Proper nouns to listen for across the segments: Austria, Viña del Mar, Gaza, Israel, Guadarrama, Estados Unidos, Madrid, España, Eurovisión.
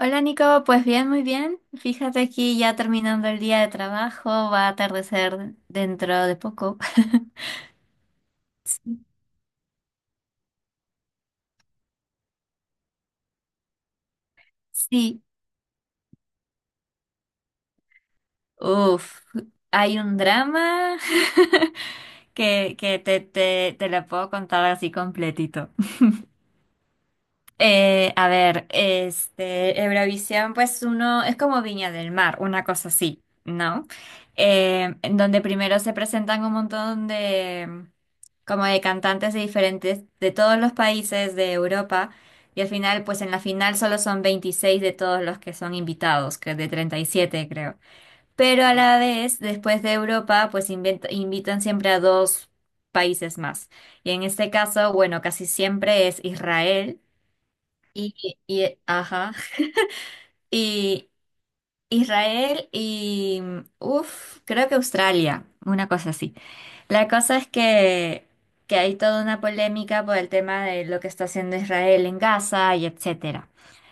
Hola Nico, pues bien, muy bien. Fíjate aquí ya terminando el día de trabajo, va a atardecer dentro de poco. Sí, sí. Uf, Hay un drama que te lo puedo contar así completito. A ver, este, Eurovisión, pues uno es como Viña del Mar, una cosa así, ¿no? En donde primero se presentan un montón de, como de cantantes de diferentes, de todos los países de Europa, y al final, pues en la final solo son 26 de todos los que son invitados, que de 37 creo. Pero a la vez, después de Europa, pues invitan siempre a dos países más. Y en este caso, bueno, casi siempre es Israel. Ajá. Y Israel y, creo que Australia, una cosa así. La cosa es que hay toda una polémica por el tema de lo que está haciendo Israel en Gaza y etcétera.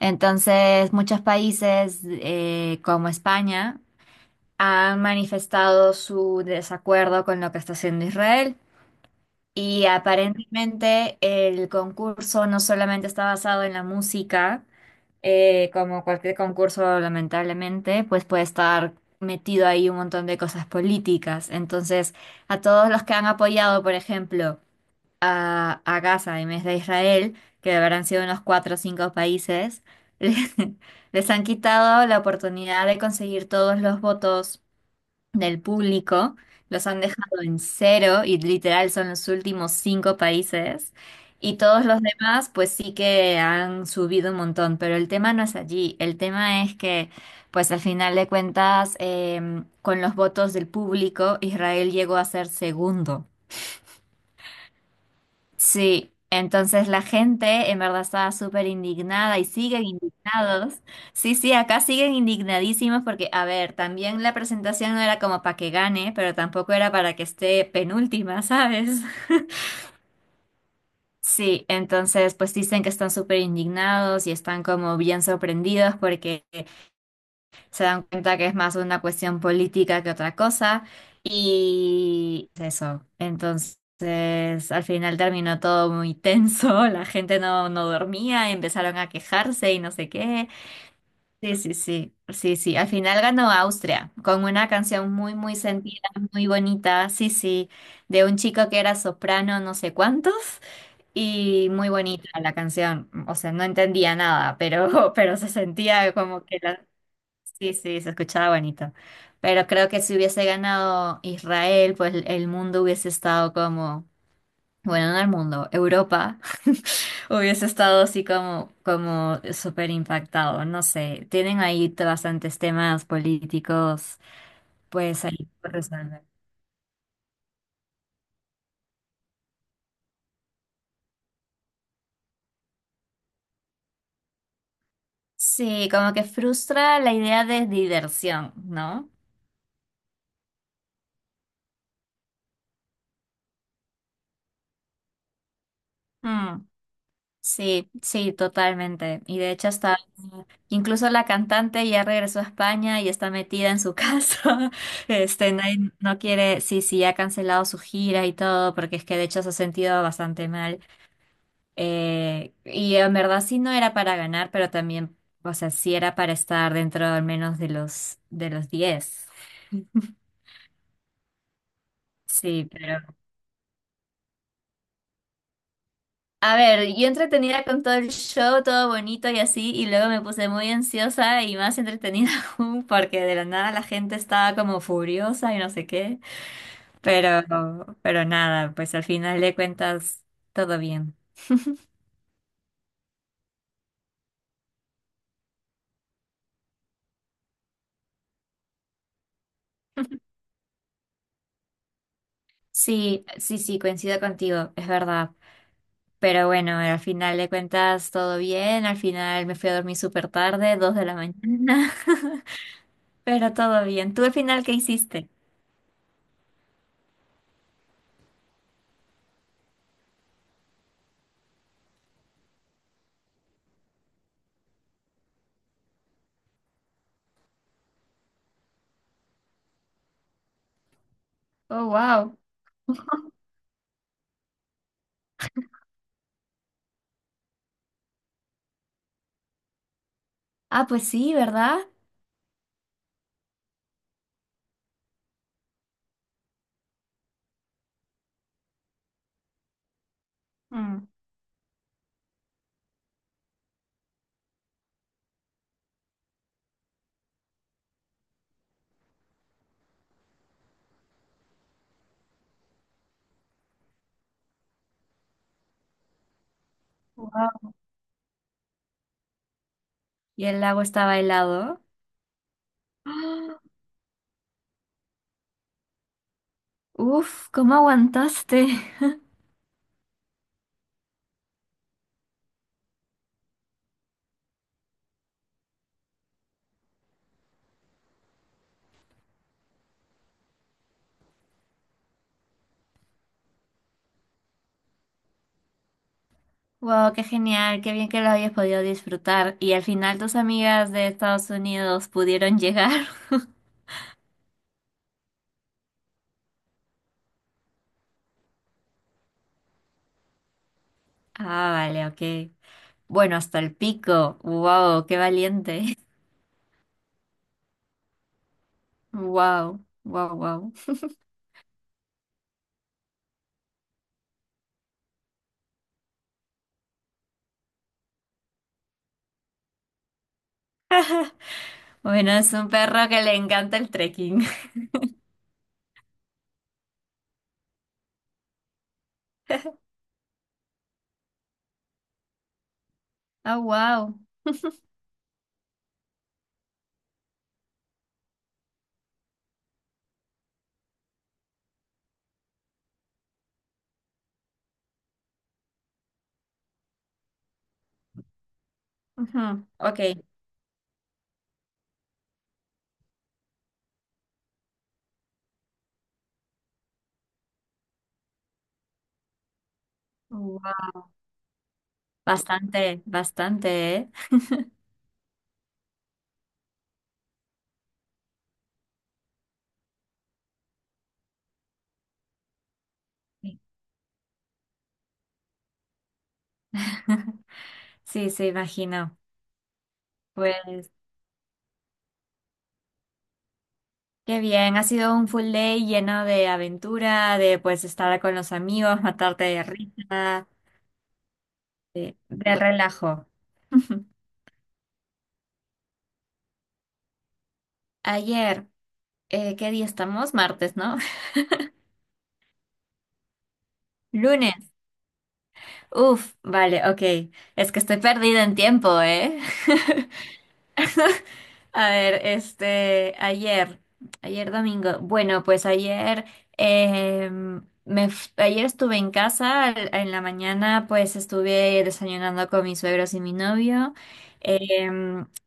Entonces, muchos países, como España han manifestado su desacuerdo con lo que está haciendo Israel. Y aparentemente el concurso no solamente está basado en la música, como cualquier concurso, lamentablemente, pues puede estar metido ahí un montón de cosas políticas. Entonces, a todos los que han apoyado, por ejemplo, a Gaza en vez de Israel, que habrán sido unos cuatro o cinco países, les, les han quitado la oportunidad de conseguir todos los votos del público, los han dejado en cero y literal son los últimos cinco países. Y todos los demás, pues sí que han subido un montón, pero el tema no es allí. El tema es que, pues al final de cuentas, con los votos del público, Israel llegó a ser segundo. Sí, entonces la gente en verdad estaba súper indignada y siguen indignados. Sí, sí, acá siguen indignadísimos porque, a ver, también la presentación no era como para que gane, pero tampoco era para que esté penúltima, ¿sabes? Sí, entonces pues dicen que están súper indignados y están como bien sorprendidos porque se dan cuenta que es más una cuestión política que otra cosa y eso. Entonces, al final terminó todo muy tenso, la gente no dormía, empezaron a quejarse y no sé qué. Sí, sí, sí, sí, sí. Al final ganó Austria con una canción muy, muy sentida, muy bonita, sí, sí, de un chico que era soprano, no sé cuántos, y muy bonita la canción. O sea, no entendía nada, pero, pero se sentía como que la. Sí, sí, se escuchaba bonito. Pero creo que si hubiese ganado Israel, pues el mundo hubiese estado como, bueno, no el mundo, Europa hubiese estado así como, como súper impactado. No sé, tienen ahí bastantes temas políticos, pues ahí por resolver. Sí, como que frustra la idea de diversión, ¿no? Mm. Sí, sí, totalmente. Y de hecho hasta incluso la cantante ya regresó a España y está metida en su casa. Este, no, no quiere, sí, sí, ha cancelado su gira y todo, porque es que de hecho se ha sentido bastante mal. Y en verdad sí no era para ganar, pero también, o sea, sí era para estar dentro al menos de los 10. Sí, a ver, yo entretenida con todo el show, todo bonito y así, y luego me puse muy ansiosa y más entretenida aún porque de la nada la gente estaba como furiosa y no sé qué, pero, pero nada, pues al final de cuentas todo bien. Sí, sí, sí, coincido contigo, es verdad. Pero bueno, al final de cuentas todo bien, al final me fui a dormir súper tarde, 2 de la mañana, pero todo bien. ¿Tú al final qué hiciste? Oh, wow. Ah, pues sí, ¿verdad? Mm. Wow. Y el lago estaba helado. ¡Ah! Uf, ¿cómo aguantaste? Wow, qué genial, qué bien que lo hayas podido disfrutar. Y al final tus amigas de Estados Unidos pudieron llegar. Ah, vale, ok. Bueno, hasta el pico. Wow, qué valiente. Wow, wow, wow. Bueno, es un perro que le encanta el trekking. Ah, wow. Ujú, ok. Wow. Bastante, bastante, ¿eh? Sí, se imagino. Pues. Qué bien, ha sido un full day lleno de aventura, de pues estar con los amigos, matarte de risa, de relajo. Ayer, ¿qué día estamos? Martes, ¿no? Lunes. Uf, vale, ok. Es que estoy perdida en tiempo, ¿eh? A ver, este, ayer, ayer domingo. Bueno, pues ayer, eh, ayer estuve en casa, en la mañana pues estuve desayunando con mis suegros y mi novio. Eh,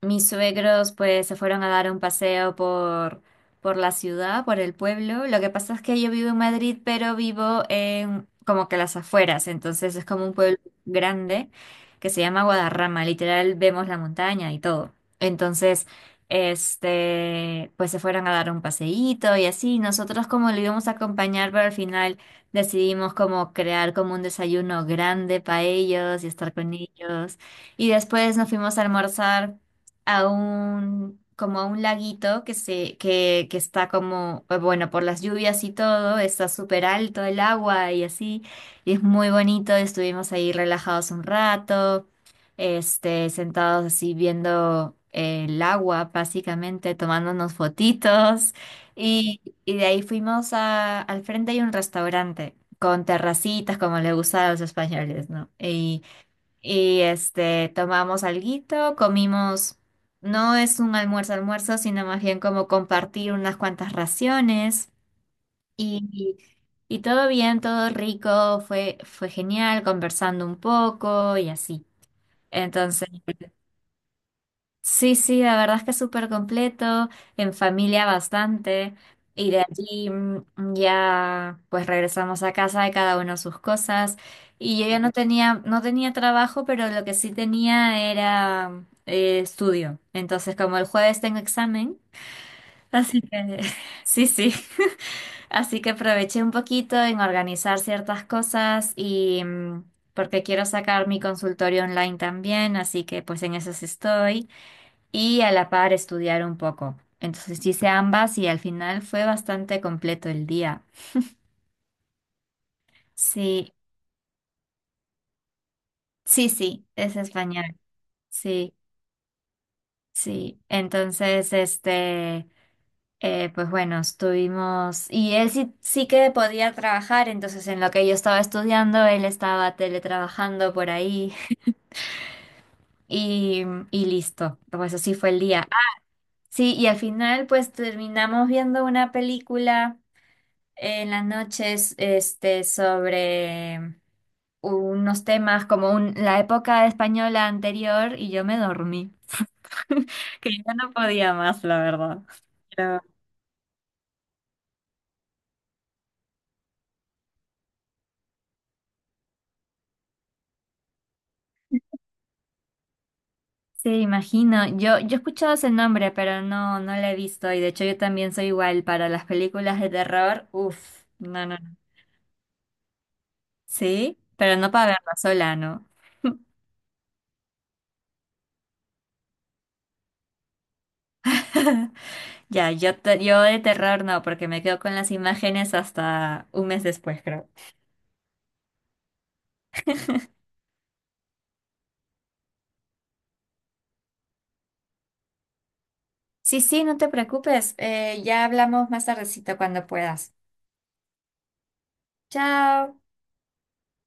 Mis suegros pues se fueron a dar un paseo por la ciudad, por el pueblo. Lo que pasa es que yo vivo en Madrid, pero vivo en como que las afueras, entonces es como un pueblo grande que se llama Guadarrama, literal vemos la montaña y todo. Entonces este, pues se fueron a dar un paseíto y así. Nosotros como lo íbamos a acompañar, pero al final decidimos como crear como un desayuno grande para ellos y estar con ellos. Y después nos fuimos a almorzar a un, como a un laguito que se, que está como, pues, bueno, por las lluvias y todo, está súper alto el agua y así. Y es muy bonito, estuvimos ahí relajados un rato este, sentados así viendo el agua, básicamente, tomándonos fotitos. Y de ahí fuimos al frente hay un restaurante con terracitas, como le gusta a los españoles, ¿no? Y este, tomamos alguito, comimos, no es un almuerzo almuerzo, sino más bien como compartir unas cuantas raciones. Y, y todo bien, todo rico, fue, fue genial, conversando un poco y así. Entonces, sí, sí, la verdad es que es súper completo, en familia bastante, y de allí mm, ya pues regresamos a casa de cada uno sus cosas, y yo ya no tenía, no tenía trabajo, pero lo que sí tenía era estudio, entonces como el jueves tengo examen, así que sí, sí, así que aproveché un poquito en organizar ciertas cosas y... mm, porque quiero sacar mi consultorio online también, así que pues en eso sí estoy y a la par estudiar un poco. Entonces sí hice ambas y al final fue bastante completo el día. Sí, sí, sí, es español. Sí, sí. Entonces, este, pues bueno, estuvimos... Y él sí, sí que podía trabajar, entonces en lo que yo estaba estudiando, él estaba teletrabajando por ahí y, y listo. Pues así fue el día. Ah, sí, y al final pues terminamos viendo una película en las noches este, sobre unos temas como la época española anterior y yo me dormí, que yo no podía más, la verdad. Pero, sí, imagino. Yo he escuchado ese nombre, pero no, no lo he visto y de hecho yo también soy igual para las películas de terror. Uf, no, no, no. Sí, pero no para verla sola, ¿no? Ya, yo de terror no, porque me quedo con las imágenes hasta un mes después, creo. Sí, sí, no te preocupes. Ya hablamos más tardecito cuando puedas. Chao.